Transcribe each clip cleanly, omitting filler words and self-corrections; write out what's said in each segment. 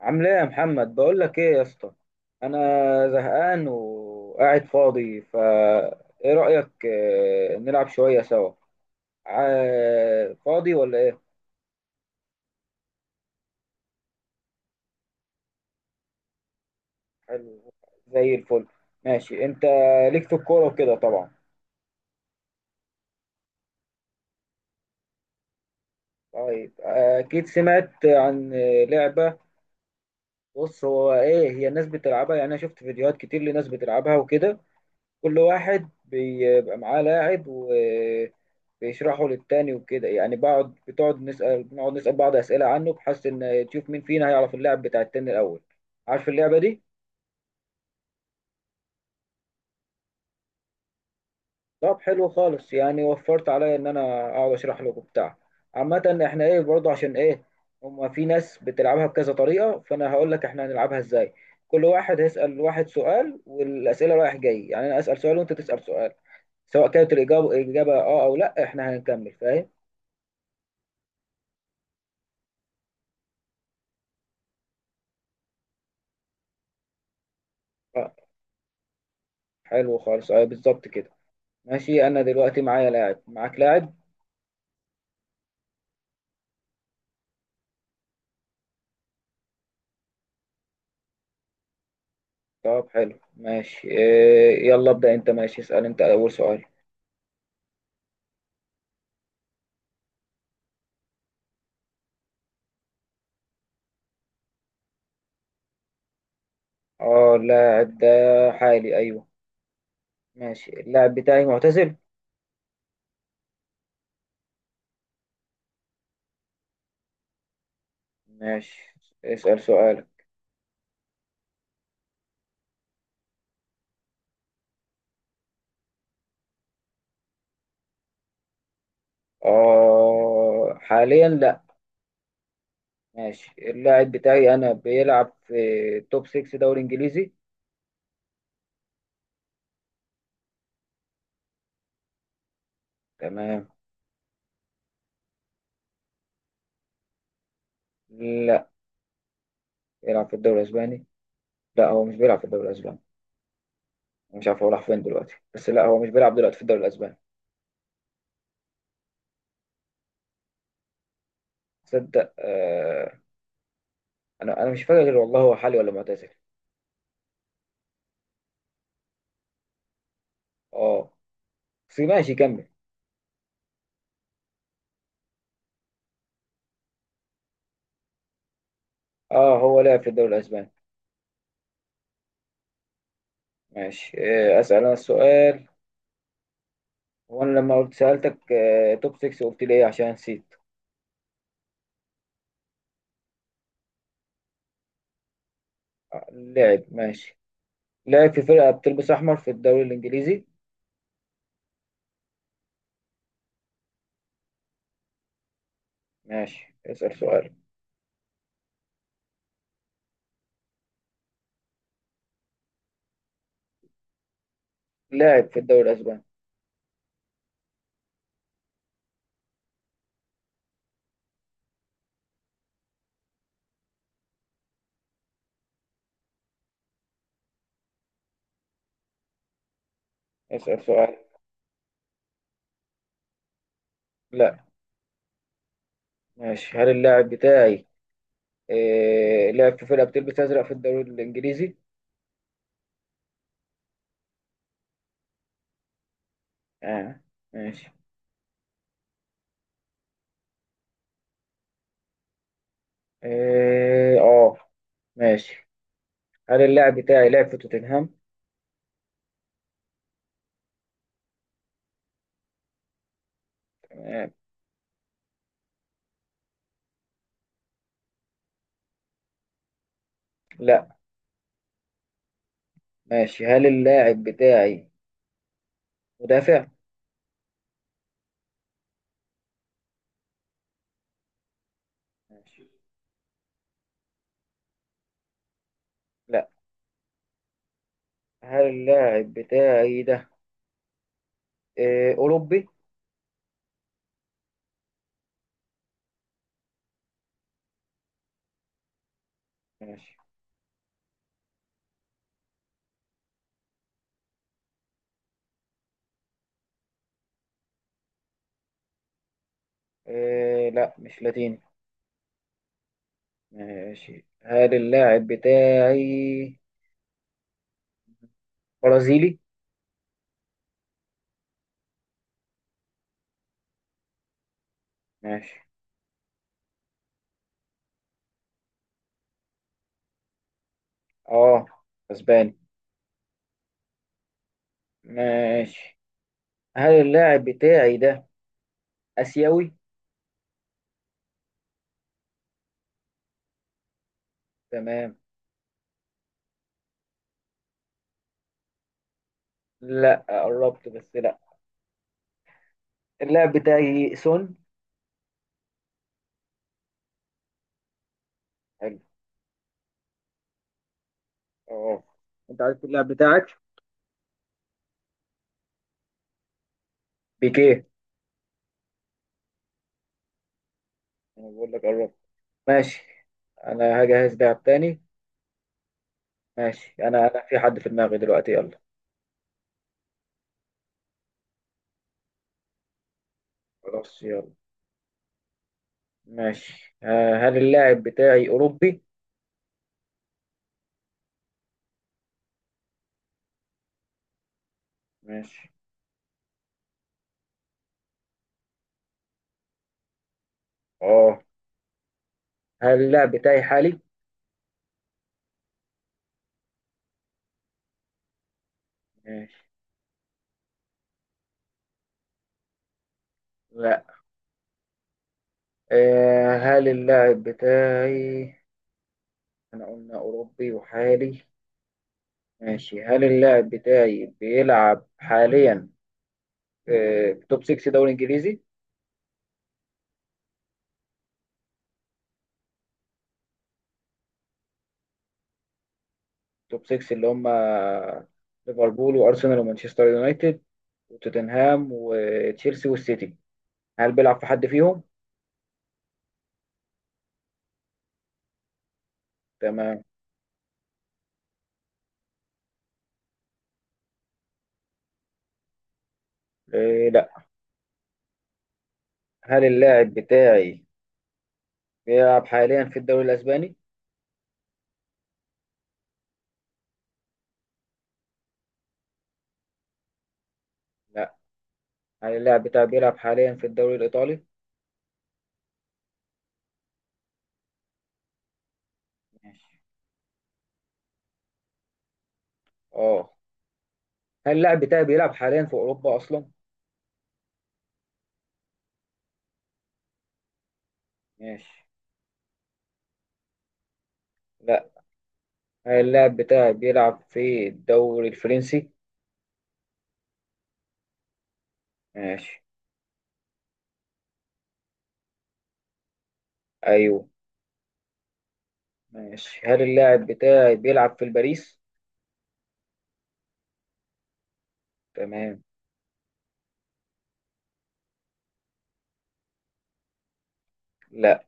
عامل ايه يا محمد، بقول لك ايه يا اسطى؟ انا زهقان وقاعد فاضي. ايه رايك، نلعب شويه سوا؟ فاضي ولا ايه؟ حلو، زي الفل. ماشي، انت ليك في الكوره وكده طبعا. طيب، اكيد سمعت عن لعبه. بص، هو ايه، هي الناس بتلعبها، يعني انا شفت فيديوهات كتير لناس بتلعبها وكده. كل واحد بيبقى معاه لاعب و بيشرحوا للتاني وكده، يعني بقعد بتقعد نسأل بنقعد نسأل بعض أسئلة عنه، بحيث إن تشوف مين فينا هيعرف اللعب بتاع التاني الأول. عارف اللعبة دي؟ طب حلو خالص، يعني وفرت عليا إن أنا أقعد أشرح له وبتاع. عامة، إحنا إيه برضه، عشان إيه، هما في ناس بتلعبها بكذا طريقة، فأنا هقول لك إحنا هنلعبها إزاي. كل واحد هيسأل واحد سؤال، والأسئلة رايح جاي، يعني أنا أسأل سؤال وأنت تسأل سؤال. سواء كانت الإجابة آه أو لأ، إحنا هنكمل. فاهم؟ آه، حلو خالص، أيوه بالظبط كده. ماشي، انا دلوقتي معايا لاعب، معاك لاعب. طب حلو، ماشي إيه، يلا ابدأ انت. ماشي، اسأل انت اول سؤال. اه، اللاعب ده حالي، ايوه. ماشي، اللاعب بتاعي معتزل. ماشي، اسأل سؤالك. اه حاليا لا. ماشي، اللاعب بتاعي انا بيلعب في توب 6 دوري انجليزي. تمام. لا بيلعب في الدوري الاسباني. لا هو مش بيلعب في الدوري الاسباني. مش عارف هو راح فين دلوقتي، بس لا هو مش بيلعب دلوقتي في الدوري الاسباني. تصدق انا مش فاكر غير والله هو حالي ولا معتزل. اه، في ماشي كمل. اه هو لعب في الدوري الاسباني. ماشي، اسال انا السؤال. هو انا لما سالتك توب 6، قلت لي ايه، عشان نسيت. لعب ماشي. لعب في فرقه بتلبس احمر في الدوري الانجليزي. ماشي، اسال سؤال. لاعب في الدوري الاسباني. اسال سؤال. لا. ماشي، هل اللاعب بتاعي لعب في فرقه بتلبس ازرق في الدوري الانجليزي؟ اه. ماشي. اه، ماشي. هل اللاعب بتاعي لعب في توتنهام؟ آه، لا. ماشي، هل اللاعب بتاعي مدافع؟ ماشي. لا. هل اللاعب بتاعي ده أوروبي؟ ماشي. لا مش لاتيني. ماشي، هل اللاعب بتاعي برازيلي؟ ماشي. اه، اسباني. ماشي، هل اللاعب بتاعي ده آسيوي؟ تمام. لا، قربت بس لا. اللاعب بتاعي سون. حلو. اه. انت عارف اللاعب بتاعك؟ بيكيه. انا بقول لك قربت. ماشي. انا هجهز لاعب تاني. ماشي، انا في حد في دماغي دلوقتي، يلا. خلاص يلا. ماشي، هل اللاعب بتاعي اوروبي؟ ماشي، اه. هل اللاعب بتاعي حالي؟ ماشي. لا. هل اللاعب بتاعي، احنا قلنا اوروبي وحالي. ماشي، هل اللاعب بتاعي بيلعب حاليا في توب 6 دوري انجليزي؟ توب 6 اللي هم ليفربول وارسنال ومانشستر يونايتد وتوتنهام وتشيلسي والسيتي. هل بيلعب في حد فيهم؟ تمام. إيه لا. هل اللاعب بتاعي بيلعب حاليا في الدوري الأسباني؟ لا. هل اللاعب بتاعي بيلعب حاليا في الدوري الإيطالي؟ ماشي. اه. هل اللاعب بتاعي بيلعب حاليا في أوروبا أصلا؟ ماشي. لا. هل اللاعب بتاعي بيلعب في الدوري الفرنسي؟ ماشي. أيوه. ماشي، هل اللاعب بتاعي بيلعب في الباريس؟ تمام. لا.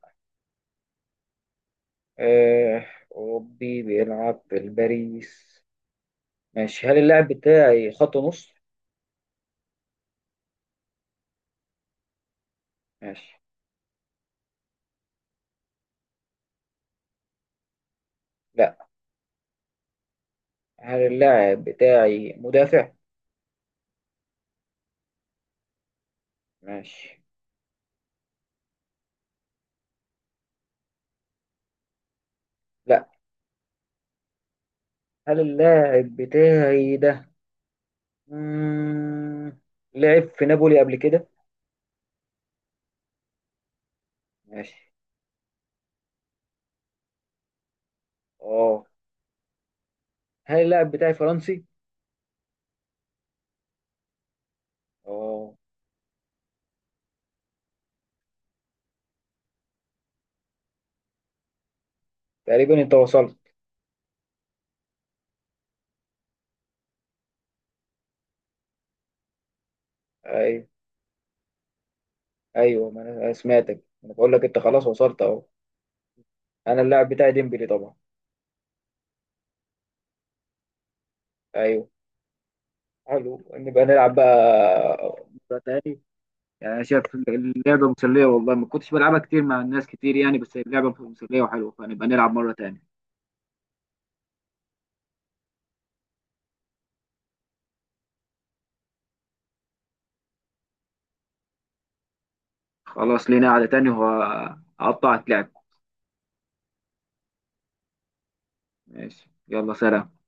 آه، أوروبي بيلعب في الباريس. ماشي، هل اللاعب بتاعي خط نص؟ ماشي. لا. هل اللاعب بتاعي مدافع؟ ماشي. لا. هل اللاعب بتاعي ده مم... لعب في نابولي قبل كده؟ ماشي. اه. هل اللاعب بتاعي فرنسي؟ اه. تقريبا انت وصلت. ايوه. ايوه، ما انا سمعتك، انا بقول لك انت خلاص وصلت اهو. انا اللاعب بتاعي ديمبلي طبعا. ايوه. حلو، نبقى نلعب بقى مرة تاني. يعني انا شايف اللعبه مسليه والله، ما كنتش بلعبها كتير مع الناس كتير يعني، بس هي اللعبه مسليه وحلوه، فنبقى نلعب مره تاني. خلاص، لينا قعده تاني وهقطعك لعب. ماشي، يلا سلام.